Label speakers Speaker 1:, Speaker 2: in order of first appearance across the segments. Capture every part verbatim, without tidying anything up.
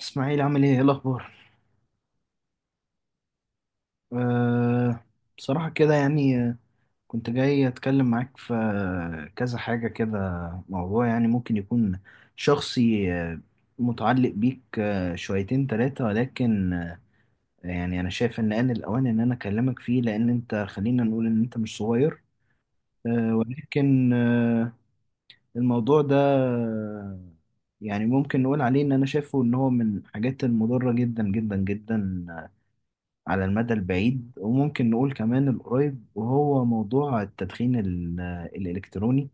Speaker 1: اسماعيل، عامل ايه؟ ايه الاخبار؟ أه. بصراحه كده يعني آه، كنت جاي اتكلم معاك في آه، كذا حاجه كده. موضوع يعني ممكن يكون شخصي آه، متعلق بيك آه، شويتين تلاتة، ولكن آه، يعني انا شايف ان آن الاوان ان انا اكلمك فيه، لان انت، خلينا نقول، ان انت مش صغير. أه ولكن آه، الموضوع ده آه، يعني ممكن نقول عليه ان انا شايفه ان هو من الحاجات المضره جدا جدا جدا على المدى البعيد، وممكن نقول كمان القريب، وهو موضوع التدخين ال- الإلكتروني.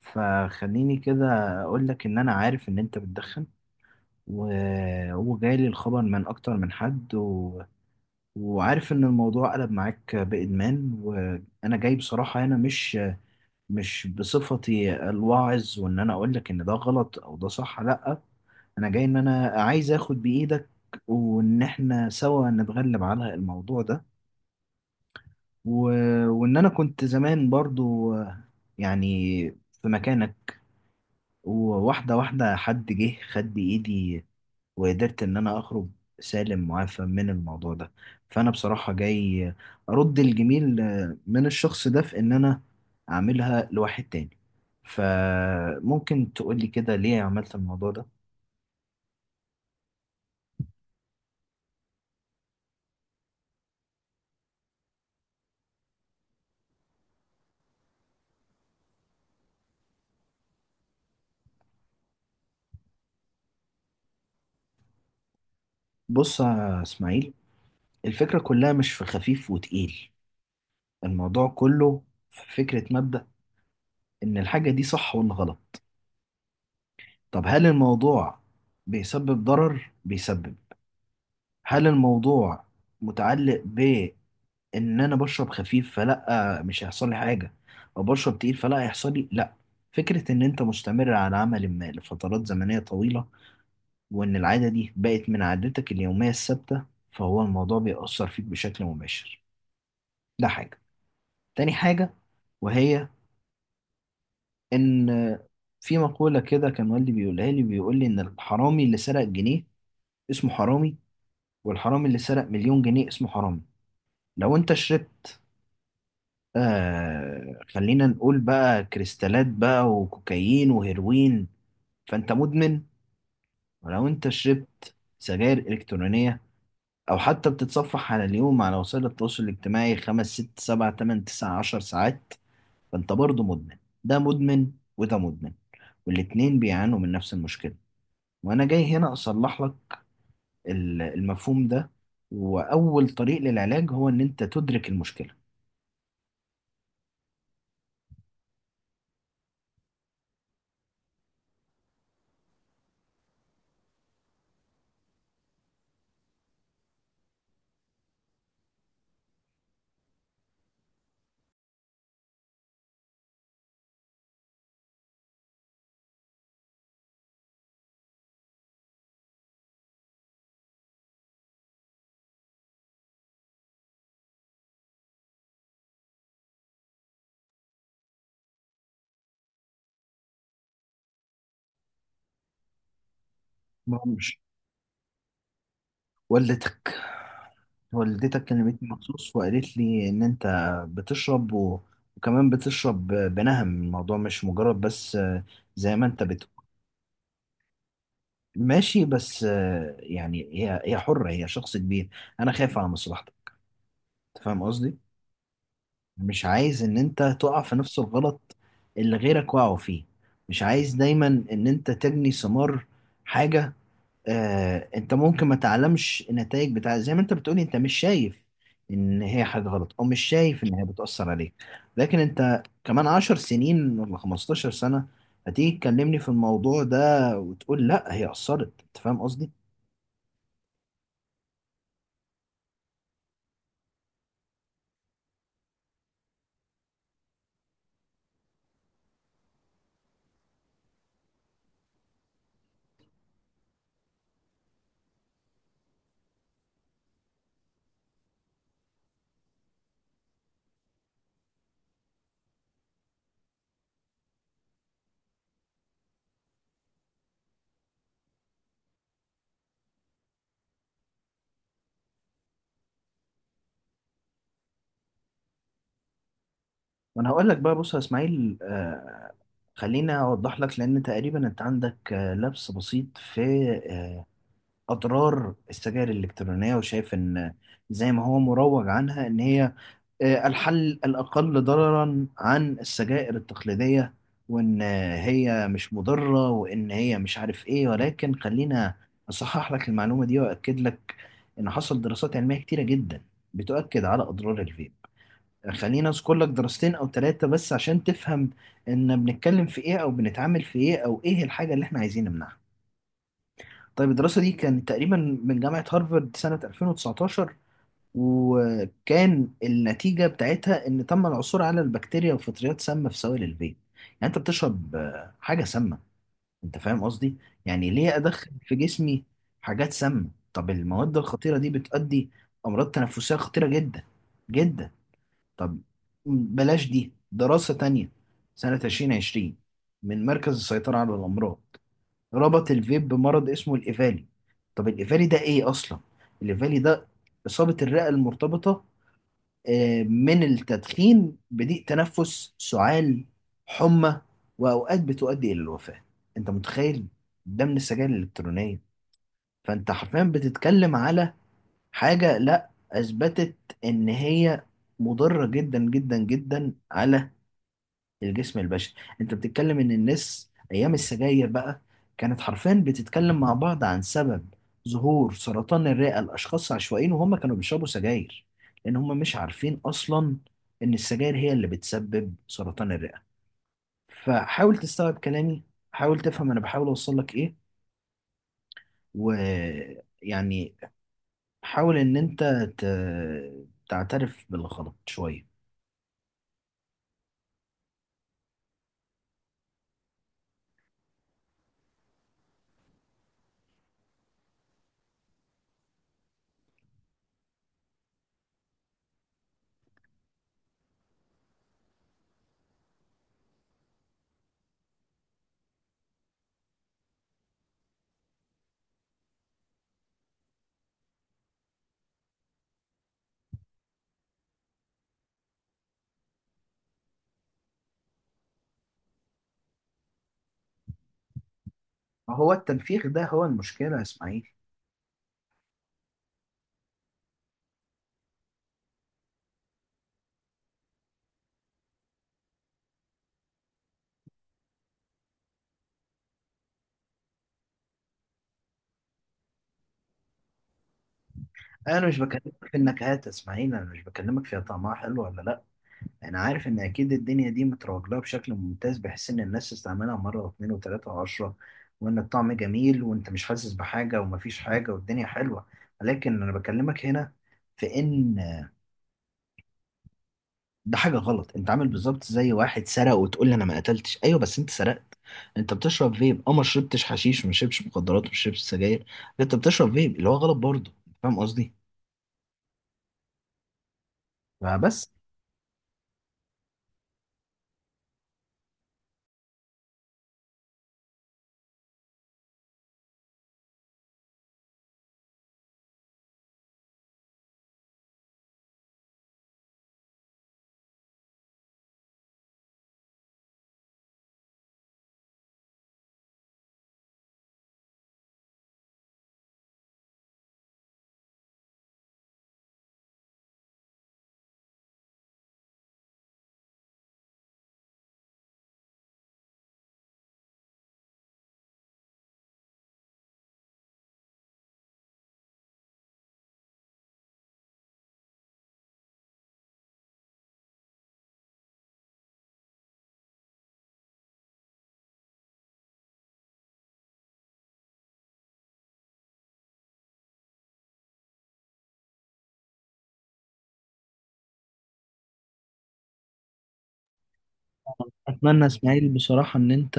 Speaker 1: فخليني كده أقول لك إن أنا عارف إن أنت بتدخن، و- وجايلي الخبر من أكتر من حد و... وعارف إن الموضوع قلب معاك بإدمان. وأنا جاي بصراحة هنا، مش مش بصفتي الواعظ، وإن أنا أقول لك إن ده غلط أو ده صح، لأ. أنا جاي إن أنا عايز آخد بإيدك، وإن إحنا سوا نتغلب على الموضوع ده. و... وان انا كنت زمان برضو آه، يعني في مكانك، وواحده واحده حد جه خد بايدي، وقدرت ان انا اخرج سالم معافى من الموضوع ده. فانا بصراحه جاي ارد الجميل آه، من الشخص ده، في ان انا اعملها لواحد تاني. فممكن تقولي كده، ليه عملت الموضوع ده؟ بص يا اسماعيل، الفكره كلها مش في خفيف وتقيل. الموضوع كله في فكره مبدأ، ان الحاجه دي صح ولا غلط. طب هل الموضوع بيسبب ضرر؟ بيسبب هل الموضوع متعلق بإن أنا بشرب خفيف فلأ مش هيحصل لي حاجة، أو بشرب تقيل فلأ هيحصل لي؟ لأ. فكرة إن أنت مستمر على عمل ما لفترات زمنية طويلة، وإن العادة دي بقت من عادتك اليومية الثابتة، فهو الموضوع بيأثر فيك بشكل مباشر. ده حاجة. تاني حاجة، وهي إن في مقولة كده كان والدي بيقولها لي، بيقول لي إن الحرامي اللي سرق جنيه اسمه حرامي، والحرامي اللي سرق مليون جنيه اسمه حرامي. لو انت شربت آه خلينا نقول بقى كريستالات بقى، وكوكايين وهيروين، فانت مدمن. ولو انت شربت سجاير الكترونية، او حتى بتتصفح على اليوم على وسائل التواصل الاجتماعي خمس ست سبع تمن تسع عشر ساعات، فانت برضه مدمن. ده مدمن وده مدمن، والاتنين بيعانوا من نفس المشكلة. وانا جاي هنا اصلح لك ال- المفهوم ده، واول طريق للعلاج هو ان انت تدرك المشكلة. مش والدتك؟ والدتك كلمتني مخصوص وقالت لي ان انت بتشرب و... وكمان بتشرب بنهم. الموضوع مش مجرد بس آه، زي ما انت بتقول. ماشي، بس آه، يعني هي هي حرة، هي شخص كبير. انا خايف على مصلحتك، أنت فاهم قصدي؟ مش عايز ان انت تقع في نفس الغلط اللي غيرك وقعوا فيه. مش عايز دايما ان انت تجني ثمار حاجة. آه، انت ممكن ما تعلمش النتائج بتاع، زي ما انت بتقولي، انت مش شايف ان هي حاجة غلط، او مش شايف ان هي بتأثر عليك. لكن انت كمان عشر سنين ولا 15 سنة هتيجي تكلمني في الموضوع ده وتقول لا، هي أثرت. انت فاهم قصدي؟ وانا هقول لك بقى، بص يا اسماعيل، آه، خليني اوضح لك، لان تقريبا انت عندك آه، لبس بسيط في آه، اضرار السجائر الالكترونيه، وشايف ان زي ما هو مروج عنها ان هي آه، الحل الأقل ضررا عن السجائر التقليدية، وإن آه، هي مش مضرة، وإن هي مش عارف إيه. ولكن خلينا أصحح لك المعلومة دي، وأكد لك إن حصل دراسات علمية كتيرة جدا بتؤكد على أضرار الفيب. آه، خلينا أذكر لك دراستين أو ثلاثة بس عشان تفهم إن بنتكلم في إيه، أو بنتعامل في إيه، أو إيه الحاجة اللي إحنا عايزين نمنعها. طيب، الدراسة دي كانت تقريبا من جامعة هارفارد سنة ألفين وتسعة عشر، وكان النتيجة بتاعتها إن تم العثور على البكتيريا وفطريات سامة في سوائل الفيب. يعني أنت بتشرب آه، حاجة سامة. أنت فاهم قصدي؟ يعني ليه أدخل في جسمي حاجات سامة؟ طب المواد الخطيرة دي بتؤدي أمراض تنفسية خطيرة جدا جدا. طب، بلاش دي. دراسة تانية سنة ألفين وعشرين من مركز السيطرة على الأمراض ربط الفيب بمرض اسمه الإيفالي. طب الإيفالي ده إيه أصلا؟ الإيفالي ده إصابة الرئة المرتبطة آه، من التدخين بضيق تنفس، سعال، حمى، وأوقات بتؤدي إلى الوفاة. أنت متخيل؟ ده من السجاير الإلكترونية. فأنت حرفيا بتتكلم على حاجة لا أثبتت إن هي مضرة جدا جدا جدا على الجسم البشري. انت بتتكلم ان الناس ايام السجاير بقى كانت حرفيا بتتكلم مع بعض عن سبب ظهور سرطان الرئة لاشخاص عشوائيين وهم كانوا بيشربوا سجاير، لان هم مش عارفين اصلا ان السجاير هي اللي بتسبب سرطان الرئة. فحاول تستوعب كلامي، حاول تفهم انا بحاول اوصل لك ايه. ويعني حاول ان انت ت... تعترف بالغلط شوية. هو التنفيخ ده هو المشكلة يا اسماعيل. انا مش بكلمك في النكهات اسماعيل، انا مش بكلمك فيها طعمها حلو ولا لا. انا عارف ان اكيد الدنيا دي متروج لها بشكل ممتاز بحيث ان الناس تستعملها مره واثنين وثلاثه وعشره، وان الطعم جميل وانت مش حاسس بحاجه ومفيش حاجه والدنيا حلوه. لكن انا بكلمك هنا في ان ده حاجه غلط. انت عامل بالظبط زي واحد سرق وتقول لي انا ما قتلتش. ايوه، بس انت سرقت. انت بتشرب فيب، اه ما شربتش حشيش، وما شربتش مخدرات، وما شربتش سجاير. انت بتشرب فيب اللي هو غلط برضه. فاهم قصدي؟ فبس. اتمنى اسماعيل بصراحة ان انت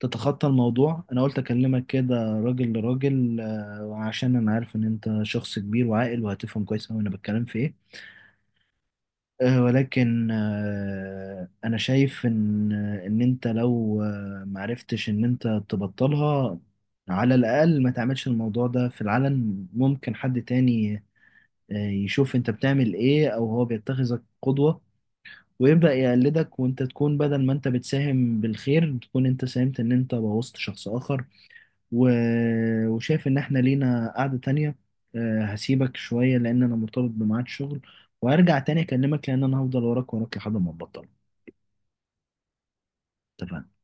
Speaker 1: تتخطى الموضوع. انا قلت اكلمك كده راجل لراجل آه، عشان انا عارف ان انت شخص كبير وعاقل وهتفهم كويس اوي انا بتكلم في ايه. آه، ولكن آه، انا شايف ان ان انت لو آه، معرفتش ان انت تبطلها، على الاقل ما تعملش الموضوع ده في العلن. ممكن حد تاني آه، يشوف انت بتعمل ايه، او هو بيتخذك قدوة، ويبدأ يقلدك، وانت تكون بدل ما انت بتساهم بالخير تكون انت ساهمت ان انت بوظت شخص اخر. و... وشايف ان احنا لينا قعدة تانية. آه، هسيبك شوية لان انا مرتبط بميعاد شغل، وهرجع تاني اكلمك لان انا هفضل وراك وراك لحد ما ابطل. اتفقنا؟